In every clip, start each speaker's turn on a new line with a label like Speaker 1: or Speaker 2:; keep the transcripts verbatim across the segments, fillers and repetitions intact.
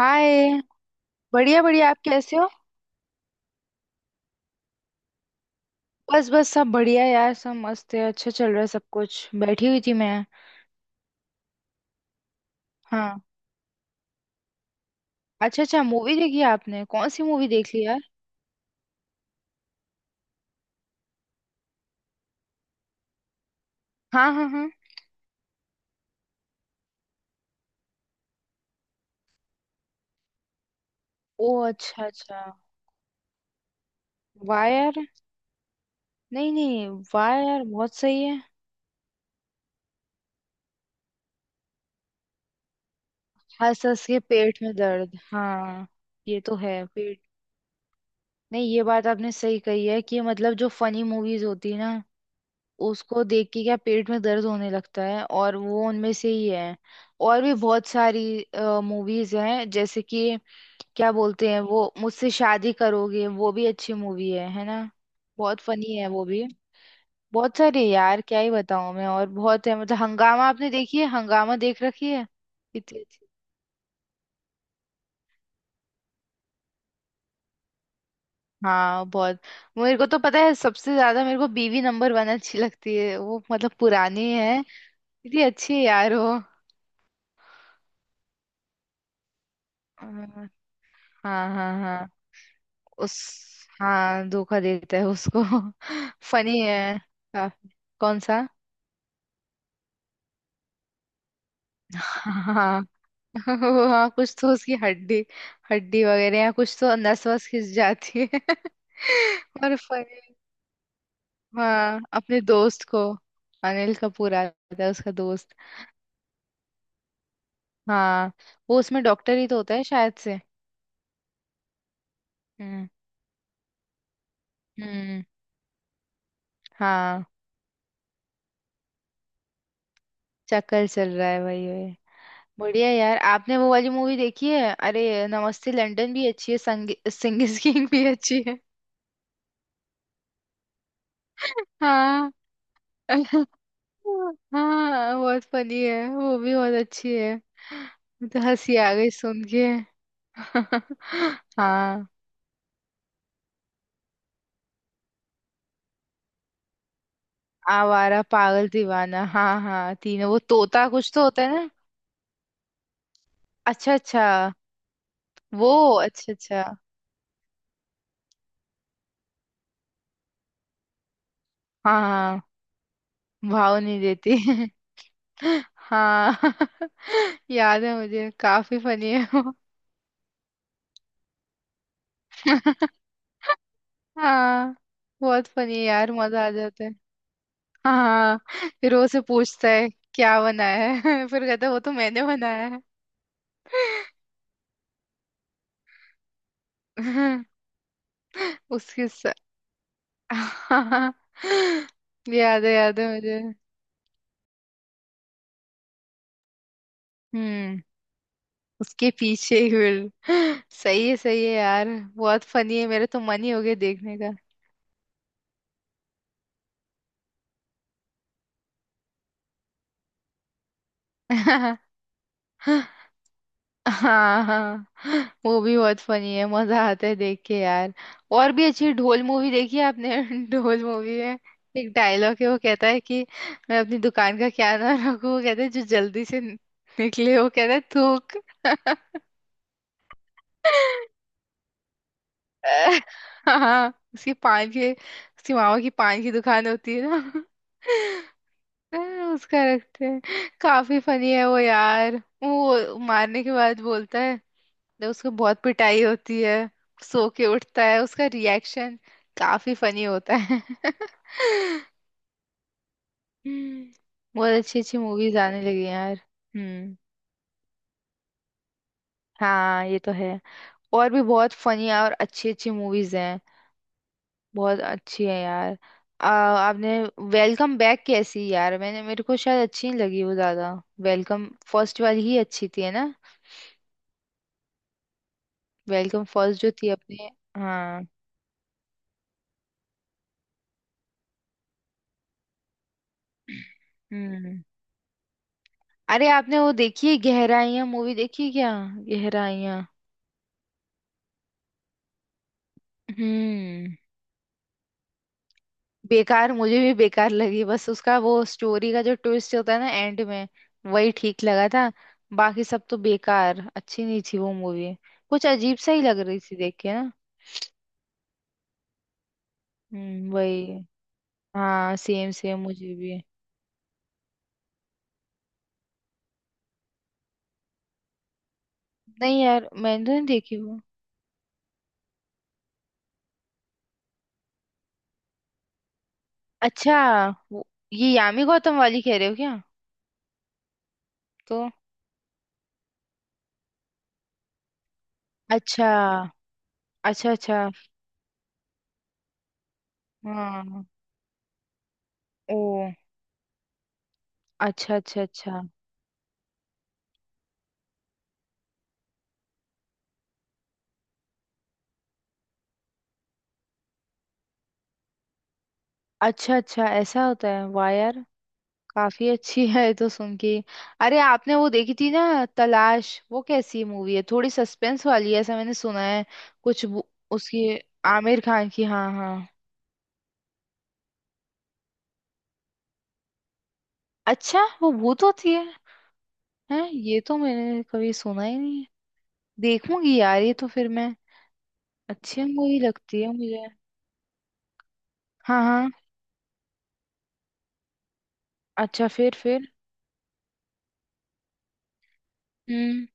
Speaker 1: हाय। बढ़िया बढ़िया। आप कैसे हो? बस बस सब बढ़िया यार। सब मस्त है। अच्छा चल रहा है सब कुछ। बैठी हुई थी मैं। हाँ। अच्छा अच्छा, मूवी देखी आपने? कौन सी मूवी देख ली यार? हाँ हाँ हाँ। ओ अच्छा अच्छा। वाह यार। नहीं नहीं। वाह यार, बहुत सही है। हंस हंस के पेट में दर्द, हाँ। ये तो है पेट। नहीं, ये बात आपने सही कही है कि मतलब जो फनी मूवीज होती है ना, उसको देख के क्या पेट में दर्द होने लगता है। और वो उनमें से ही है। और भी बहुत सारी मूवीज हैं जैसे कि क्या बोलते हैं वो, मुझसे शादी करोगे, वो भी अच्छी मूवी है है ना? बहुत फनी है वो भी। बहुत सारी है यार, क्या ही बताऊं मैं, और बहुत है। मतलब हंगामा आपने देखी है? हंगामा देख रखी है? कितनी अच्छी। हाँ बहुत। मेरे को तो पता है, सबसे ज्यादा मेरे को बीवी नंबर वन अच्छी लगती है वो, मतलब पुरानी है। कितनी अच्छी है यार वो। हाँ हाँ हाँ। उस हाँ, धोखा देता है उसको। फनी है काफी। कौन सा? हाँ। हाँ कुछ तो, उसकी हड्डी, हड्डी वगैरह, या कुछ तो नस वस खिंच जाती है। और फनी। हाँ अपने दोस्त को। अनिल कपूर आता है, उसका दोस्त। हाँ। वो उसमें डॉक्टर ही तो होता है शायद से। हम्म हम्म। हाँ चक्कर चल रहा है, वही वही। बढ़िया यार, आपने वो वाली मूवी देखी है? अरे नमस्ते लंदन भी अच्छी है, संग, सिंगिस किंग भी अच्छी है। हाँ। हाँ बहुत फनी है वो भी, बहुत अच्छी है। मुझे तो हंसी आ गई सुन के। हाँ। आवारा पागल दीवाना, हाँ हाँ, तीनों वो तोता कुछ तो होता है ना। अच्छा अच्छा। वो, अच्छा अच्छा। हाँ हाँ, भाव नहीं देती। हाँ याद है मुझे, काफी फनी है। हाँ बहुत फनी यार, मजा आ जाता है। हाँ फिर वो से पूछता है क्या बनाया है। फिर कहता है वो तो मैंने बनाया है। उसके साथ। याद है, याद है मुझे। हम्म। उसके पीछे ही भीड़। सही है, सही है यार। बहुत फनी है, मेरे तो मन ही हो गया देखने का। हाँ हाँ, वो भी बहुत फनी है, मजा आता है देख के यार। और भी अच्छी ढोल मूवी देखी है आपने? ढोल मूवी में एक डायलॉग है, वो कहता है कि मैं अपनी दुकान का क्या नाम रखूं, वो कहता है जो जल्दी से निकले, वो कहता है थूक। हाँ, उसकी पान के, उसकी मामा की पान की दुकान होती है ना। हाँ, उसका रखते हैं। काफी फनी है वो यार। वो मारने के बाद बोलता है, जब उसको बहुत पिटाई होती है, सो के उठता है, उसका रिएक्शन काफी फनी होता है। हम्म, बहुत अच्छी अच्छी मूवीज आने लगी हैं यार। हम्म। हाँ ये तो है। और भी बहुत फनी और अच्छी अच्छी मूवीज हैं। बहुत अच्छी है यार। आ, आपने वेलकम बैक कैसी यार, मैंने मेरे को शायद अच्छी नहीं लगी वो ज्यादा। वेलकम फर्स्ट वाली ही अच्छी थी, है ना? वेलकम फर्स्ट जो थी अपने। हाँ। हम्म। अरे आपने वो देखी है गहराइयां, मूवी देखी है क्या? गहराइयां। हम्म। बेकार मुझे भी बेकार लगी, बस उसका वो स्टोरी का जो ट्विस्ट होता है ना एंड में, वही ठीक लगा था। बाकी सब तो बेकार, अच्छी नहीं थी वो मूवी। कुछ अजीब सा ही लग रही थी देख के ना। हम्म वही, हाँ, सेम सेम मुझे भी। नहीं यार, मैंने तो नहीं देखी वो। अच्छा। वो- ये यामी गौतम वाली कह रहे हो क्या? तो, अच्छा अच्छा अच्छा। हाँ। ओ अच्छा अच्छा। अच्छा अच्छा, अच्छा ऐसा होता है? वाह यार, काफी अच्छी है ये तो सुन के। अरे आपने वो देखी थी ना, तलाश? वो कैसी मूवी है? थोड़ी सस्पेंस वाली है ऐसा मैंने सुना है। कुछ वो- उसकी, आमिर खान की, हाँ हाँ। अच्छा वो भूत होती है? हैं, ये तो मैंने कभी सुना ही नहीं है। देखूंगी यार ये तो फिर मैं। अच्छी मूवी लगती है मुझे। हाँ हाँ। अच्छा फिर, फिर। हम्म।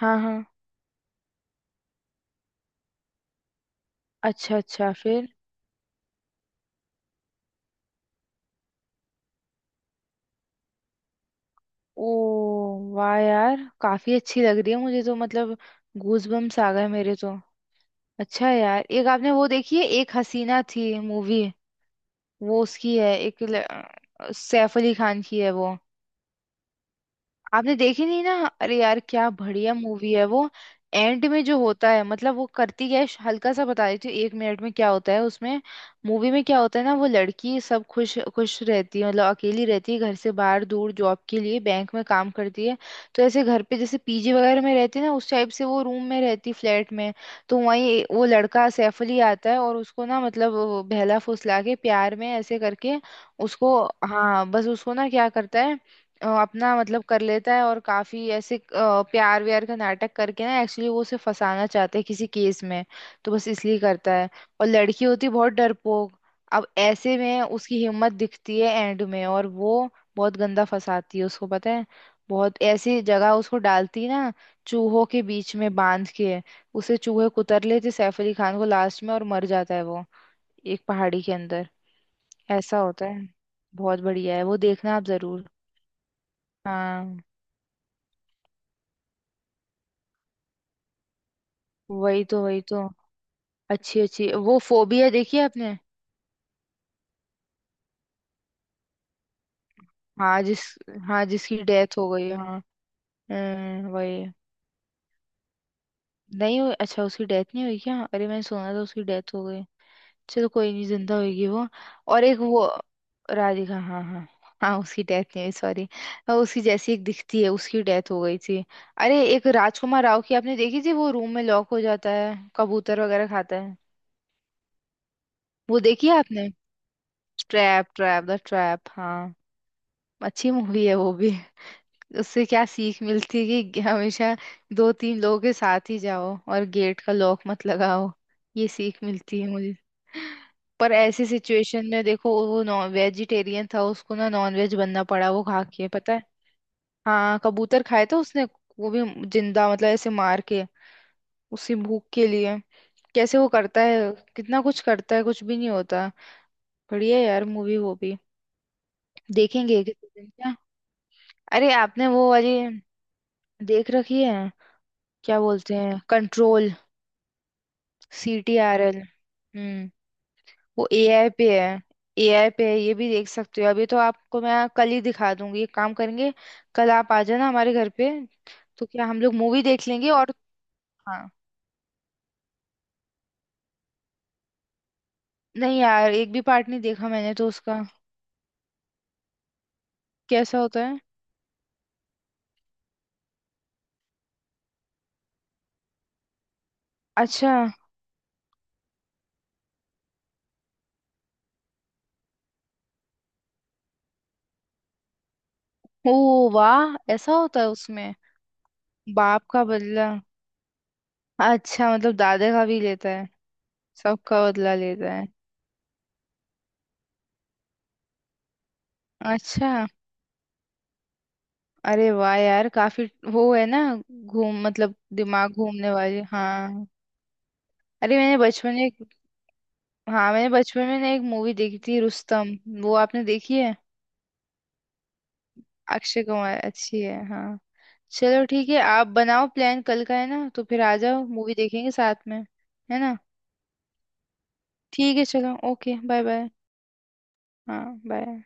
Speaker 1: हाँ हाँ। अच्छा अच्छा, फिर। ओ। वाह यार, काफी अच्छी लग रही है मुझे तो, मतलब गूजबम्स आ गए मेरे तो। अच्छा है यार। एक आपने वो देखी है एक हसीना थी मूवी? वो उसकी है एक ल- सैफ अली खान की है वो। आपने देखी नहीं ना? अरे यार क्या बढ़िया मूवी है वो। एंड में जो होता है, मतलब वो करती क्या है, श- हल्का सा बता देती हूँ एक मिनट में क्या होता है उसमें, मूवी में क्या होता है ना। वो लड़की सब खुश खुश रहती है, मतलब अकेली रहती है, घर से बाहर दूर जॉब के लिए बैंक में काम करती है। तो ऐसे घर पे जैसे पीजी वगैरह में रहती है ना, उस टाइप से, वो रूम में रहती, फ्लैट में। तो वहीं वो लड़का सैफ अली आता है और उसको ना मतलब वो बहला फुसला के प्यार में ऐसे करके उसको। हाँ बस उसको ना क्या करता है, अ, अपना मतलब कर लेता है, और काफी ऐसे अ, प्यार व्यार का नाटक करके ना, एक्चुअली वो उसे फंसाना चाहता है किसी केस में। तो बस इसलिए करता है। और लड़की होती है बहुत डरपोक। अब ऐसे में उसकी हिम्मत दिखती है एंड में, और वो बहुत गंदा फंसाती है उसको, पता है? बहुत ऐसी जगह उसको डालती है ना, चूहों के बीच में बांध के। उसे चूहे कुतर लेते सैफ अली खान को, लास्ट में और मर जाता है वो, एक पहाड़ी के अंदर। ऐसा होता है। बहुत बढ़िया है वो, देखना आप जरूर। हाँ। वही तो, वही तो। अच्छी अच्छी। वो फोबिया देखी है आपने? हाँ जिस, हाँ जिसकी डेथ हो गई है, हाँ। हम्म, वही। नहीं हुई? अच्छा उसकी डेथ नहीं हुई क्या? अरे मैंने सुना था उसकी डेथ हो गई। चलो कोई नहीं, जिंदा होगी वो। और एक वो, राधिका, हाँ हाँ। हाँ उसकी डेथ नहीं हुई, सॉरी। उसकी जैसी एक दिखती है, उसकी डेथ हो गई थी। अरे एक राजकुमार राव की आपने देखी थी, वो रूम में लॉक हो जाता है, कबूतर वगैरह खाता है। वो देखी है आपने? ट्रैप, ट्रैप, द ट्रैप, हाँ। अच्छी मूवी है वो भी। उससे क्या सीख मिलती है कि हमेशा दो तीन लोगों के साथ ही जाओ और गेट का लॉक मत लगाओ। ये सीख मिलती है मुझे। पर ऐसी सिचुएशन में देखो, वो नॉन वेजिटेरियन था, उसको ना नॉन वेज बनना पड़ा, वो खा के, पता है? हाँ कबूतर खाए थे उसने। वो भी जिंदा, मतलब ऐसे मार के, उसी भूख के लिए। कैसे वो करता है, कितना कुछ करता है, कुछ भी नहीं होता। बढ़िया यार मूवी वो भी। देखेंगे किसी दिन क्या? अरे आपने वो वाली देख रखी है, क्या बोलते हैं, control, C T R L? हम्म। वो एआई पे है, एआई पे है। ये भी देख सकते हो। अभी तो आपको मैं कल ही दिखा दूंगी, एक काम करेंगे। कल आप आ जाना हमारे घर पे, तो क्या हम लोग मूवी देख लेंगे और। हाँ। नहीं यार एक भी पार्ट नहीं देखा मैंने तो उसका। कैसा होता है? अच्छा। ओ, वाह ऐसा होता है उसमें? बाप का बदला। अच्छा मतलब दादा का भी लेता है। सबका बदला लेता है। अच्छा। अरे वाह यार, काफी। वो है ना। घूम, मतलब दिमाग घूमने वाली, हाँ। अरे मैंने बचपन में एक- हाँ मैंने बचपन में ना एक मूवी देखी थी, रुस्तम। वो आपने देखी है? अक्षय कुमार, अच्छी है हाँ। चलो ठीक है, आप बनाओ प्लान कल का, है ना? तो फिर आ जाओ, मूवी देखेंगे साथ में, है ना? ठीक है, चलो, ओके, बाय बाय। हाँ बाय।